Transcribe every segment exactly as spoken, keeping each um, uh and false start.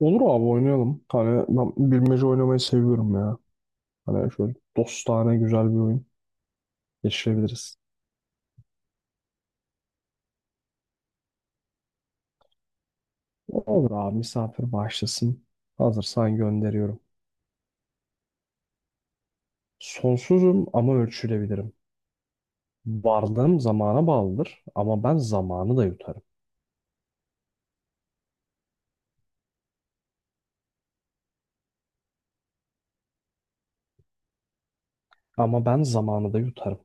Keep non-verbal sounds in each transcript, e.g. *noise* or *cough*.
Olur abi oynayalım. Hani ben bilmece oynamayı seviyorum ya. Hani şöyle dostane güzel bir oyun geçirebiliriz. Olur abi misafir başlasın. Hazırsan gönderiyorum. Sonsuzum ama ölçülebilirim. Varlığım zamana bağlıdır ama ben zamanı da yutarım. Ama ben zamanı da yutarım.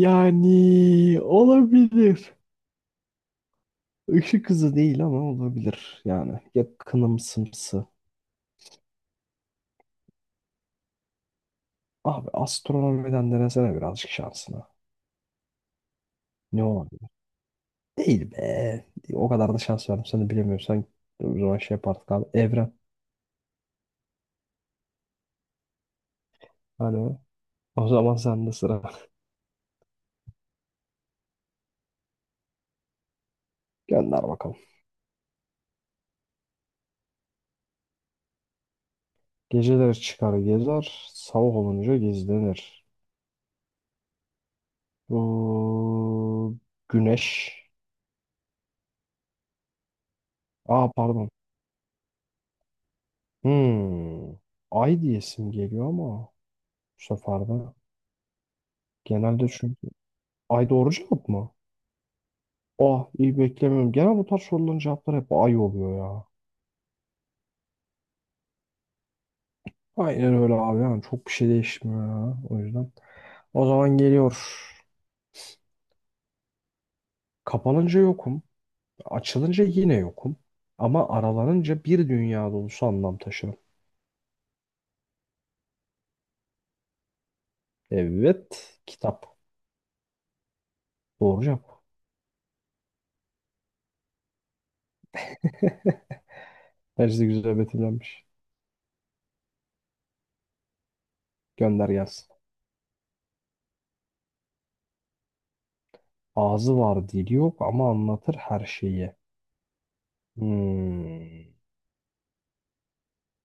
Yani olabilir. Işık hızı değil ama olabilir. Yani yakınımsımsı. Abi astronomiden denesene birazcık şansına. Ne olabilir? Değil be. O kadar da şans verdim. Sen de bilemiyorsan o zaman şey yapardık abi. Evren. Hani o zaman sende sıra. *laughs* Gönder bakalım. Geceleri çıkar gezer. Sabah olunca gizlenir. Bu güneş. Aa, pardon. Hmm. Ay diyesim geliyor ama bu sefer de. Genelde çünkü. Ay doğru cevap mı? Ah, iyi beklemiyorum. Genel bu tarz soruların cevapları hep ay oluyor ya. Aynen öyle abi. Yani çok bir şey değişmiyor ya. O yüzden. O zaman geliyor. Kapanınca yokum. Açılınca yine yokum. Ama aralanınca bir dünya dolusu anlam taşırım. Evet. Kitap. Doğru cevap. *laughs* Bence güzel betimlenmiş. Gönder gelsin. Ağzı var dili yok ama anlatır her şeyi. Hmm.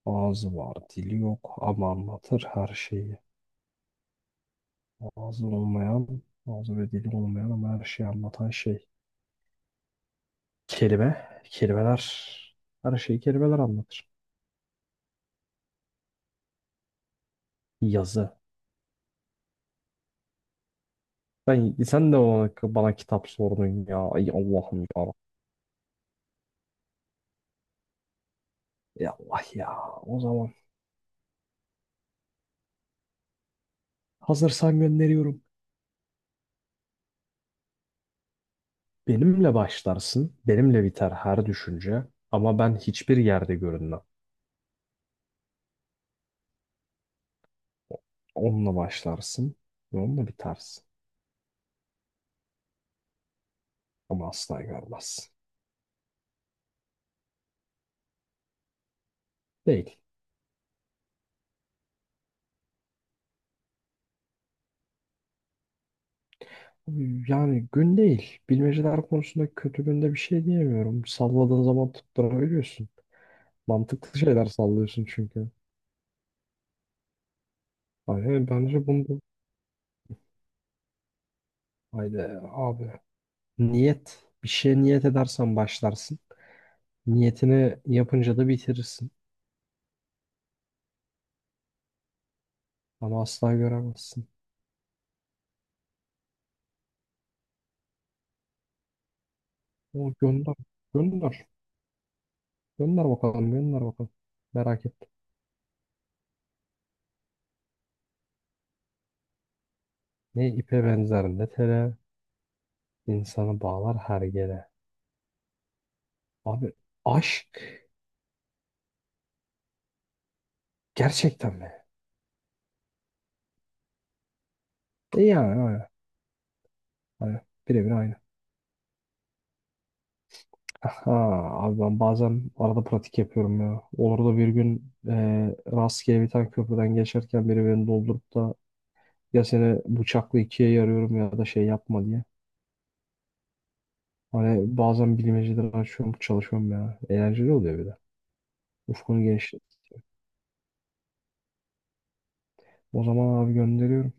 Ağzı var dili yok ama anlatır her şeyi. Ağzı olmayan, ağzı ve dili olmayan ama her şeyi anlatan şey. Kelime. Kelimeler. Her şeyi kelimeler anlatır. Yazı. Ben, sen de bana, bana kitap sordun ya. Ay Allah'ım ya. Ey Allah ya. O zaman hazırsan gönderiyorum. Benimle başlarsın. Benimle biter her düşünce. Ama ben hiçbir yerde görünmem. Onunla başlarsın. Ve onunla bitersin. Ama asla görmezsin. Değil. Yani gün değil. Bilmeceler konusunda kötü günde bir şey diyemiyorum. Salladığın zaman tutturabiliyorsun. Mantıklı şeyler sallıyorsun çünkü. Aynen bence bunu. Haydi abi. Niyet. Bir şeye niyet edersen başlarsın. Niyetini yapınca da bitirirsin. Ama asla göremezsin. O gönder. Gönder. Gönder bakalım. Gönder bakalım. Merak ettim. Ne ipe benzer ne tele, insanı bağlar her yere. Abi aşk, gerçekten mi? E yani aynen. Aynen. Birebir aynı. Aha, abi ben bazen arada pratik yapıyorum ya. Olur da bir gün e, rastgele bir tane köprüden geçerken biri beni doldurup da, ya seni bıçakla ikiye yarıyorum ya da şey yapma diye. Hani bazen bilmeceleri açıyorum, çalışıyorum ya. Eğlenceli oluyor bir de. Ufkunu genişletiyor. O zaman abi gönderiyorum.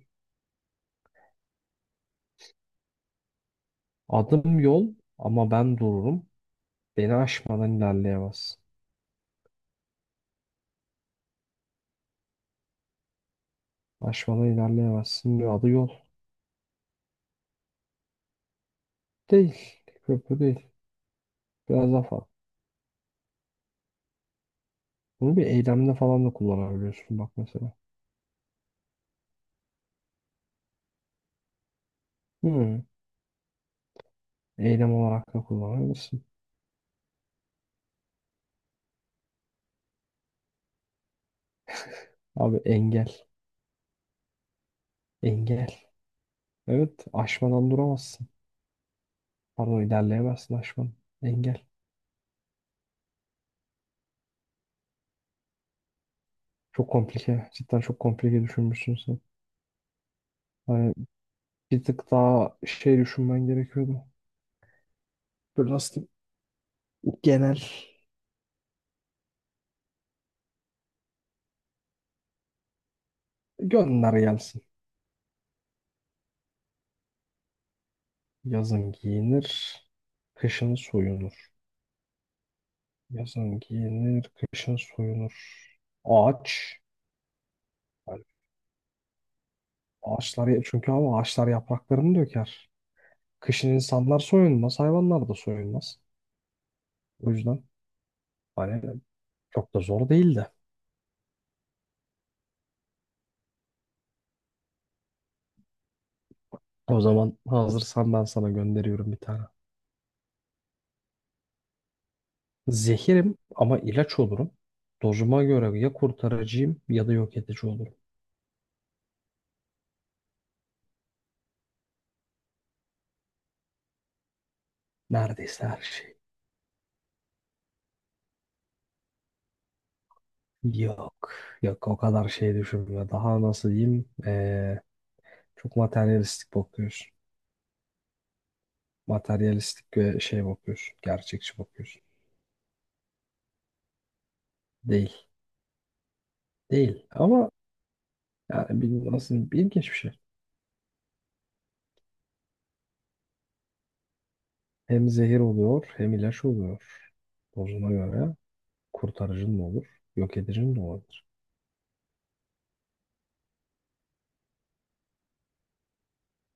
Adım yol ama ben dururum. Beni aşmadan ilerleyemezsin. Aşmadan ilerleyemezsin diyor. Adı yol. Değil. Köprü değil. Biraz daha farklı. Bunu bir eylemde falan da kullanabiliyorsun bak mesela. Hmm. Eylem olarak da kullanabilirsin. Abi engel. Engel. Evet. Aşmadan duramazsın. Pardon, ilerleyemezsin aşkım. Engel. Çok komplike. Cidden çok komplike düşünmüşsün sen. Hani bir tık daha şey düşünmen gerekiyordu. Böyle nasıl diyeyim, genel. Gönder gelsin. Yazın giyinir, kışın soyunur. Yazın giyinir, kışın soyunur. Ağaç. Yani ağaçlar çünkü, ama ağaçlar yapraklarını döker. Kışın insanlar soyunmaz, hayvanlar da soyunmaz. O yüzden hani çok da zor değildi. O zaman hazırsan ben sana gönderiyorum bir tane. Zehirim ama ilaç olurum. Dozuma göre ya kurtarıcıyım ya da yok edici olurum. Neredeyse her şey. Yok. Yok, o kadar şey düşünme. Daha nasıl diyeyim? Ee, çok materyalistik bakıyorsun. Materyalistik ve şey bakıyorsun. Gerçekçi bakıyorsun. Değil. Değil. Ama yani bir, nasıl diyeyim, ilginç bir şey. Hem zehir oluyor hem ilaç oluyor. Dozuna göre kurtarıcın da olur. Yok edicin de olur.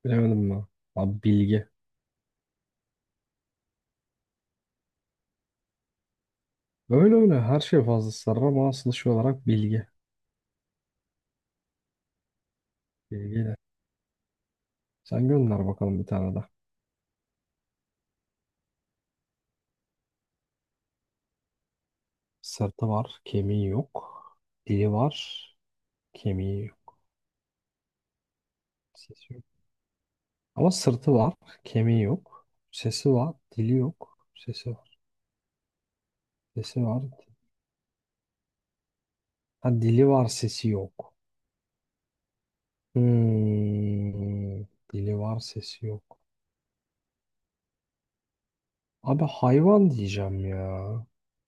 Bilemedim mi? Abi bilgi. Öyle öyle her şey fazla sarı ama asıl şey olarak bilgi. Bilgiyle. Sen gönder bakalım bir tane de. Sırtı var, kemiği yok. Dili var, kemiği yok. Sesi yok. Ama sırtı var, kemiği yok. Sesi var, dili yok. Sesi var. Sesi var. Ha, dili var, sesi yok. Hmm. Dili var, sesi yok. Abi hayvan diyeceğim ya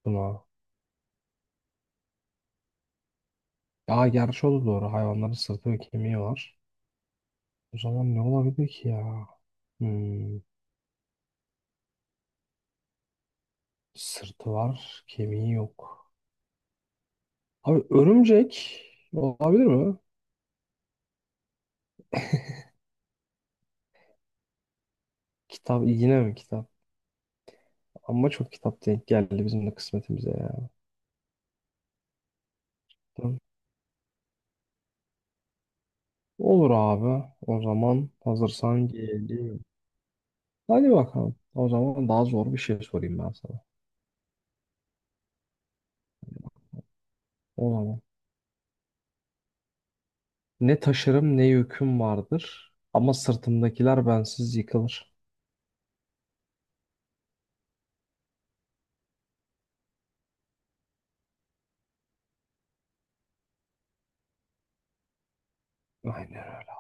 buna. Ya gerçi o da doğru. Hayvanların sırtı ve kemiği var. O zaman ne olabilir ki ya? Hmm, sırtı var, kemiği yok. Abi örümcek olabilir mi? Kitap, yine mi kitap? Ama çok kitap denk geldi bizim de kısmetimize ya. Tamam. Olur abi. O zaman hazırsan geliyor. Hadi bakalım. O zaman daha zor bir şey sorayım ben sana. O zaman. Ne taşırım ne yüküm vardır. Ama sırtımdakiler bensiz yıkılır. Aynen öyle.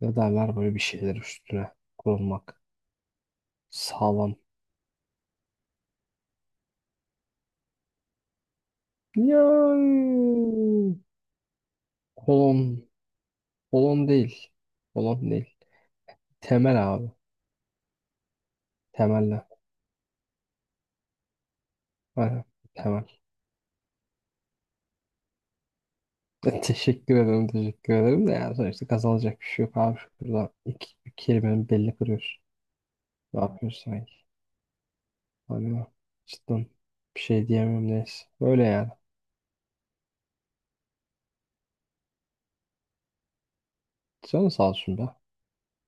Ne derler böyle, bir şeyler üstüne kurulmak. Sağlam. Yani kolon, kolon değil. Kolon değil. Temel abi. Temelle. Aynen. Temel. E, *laughs* Teşekkür ederim, teşekkür ederim de yani sonuçta kazanacak bir şey yok abi. Şurada iki, bir kelimenin belli kırıyoruz. Ne yapıyoruz sanki? Hani cidden bir şey diyemem, neyse. Öyle yani. Canın sağ olsun be.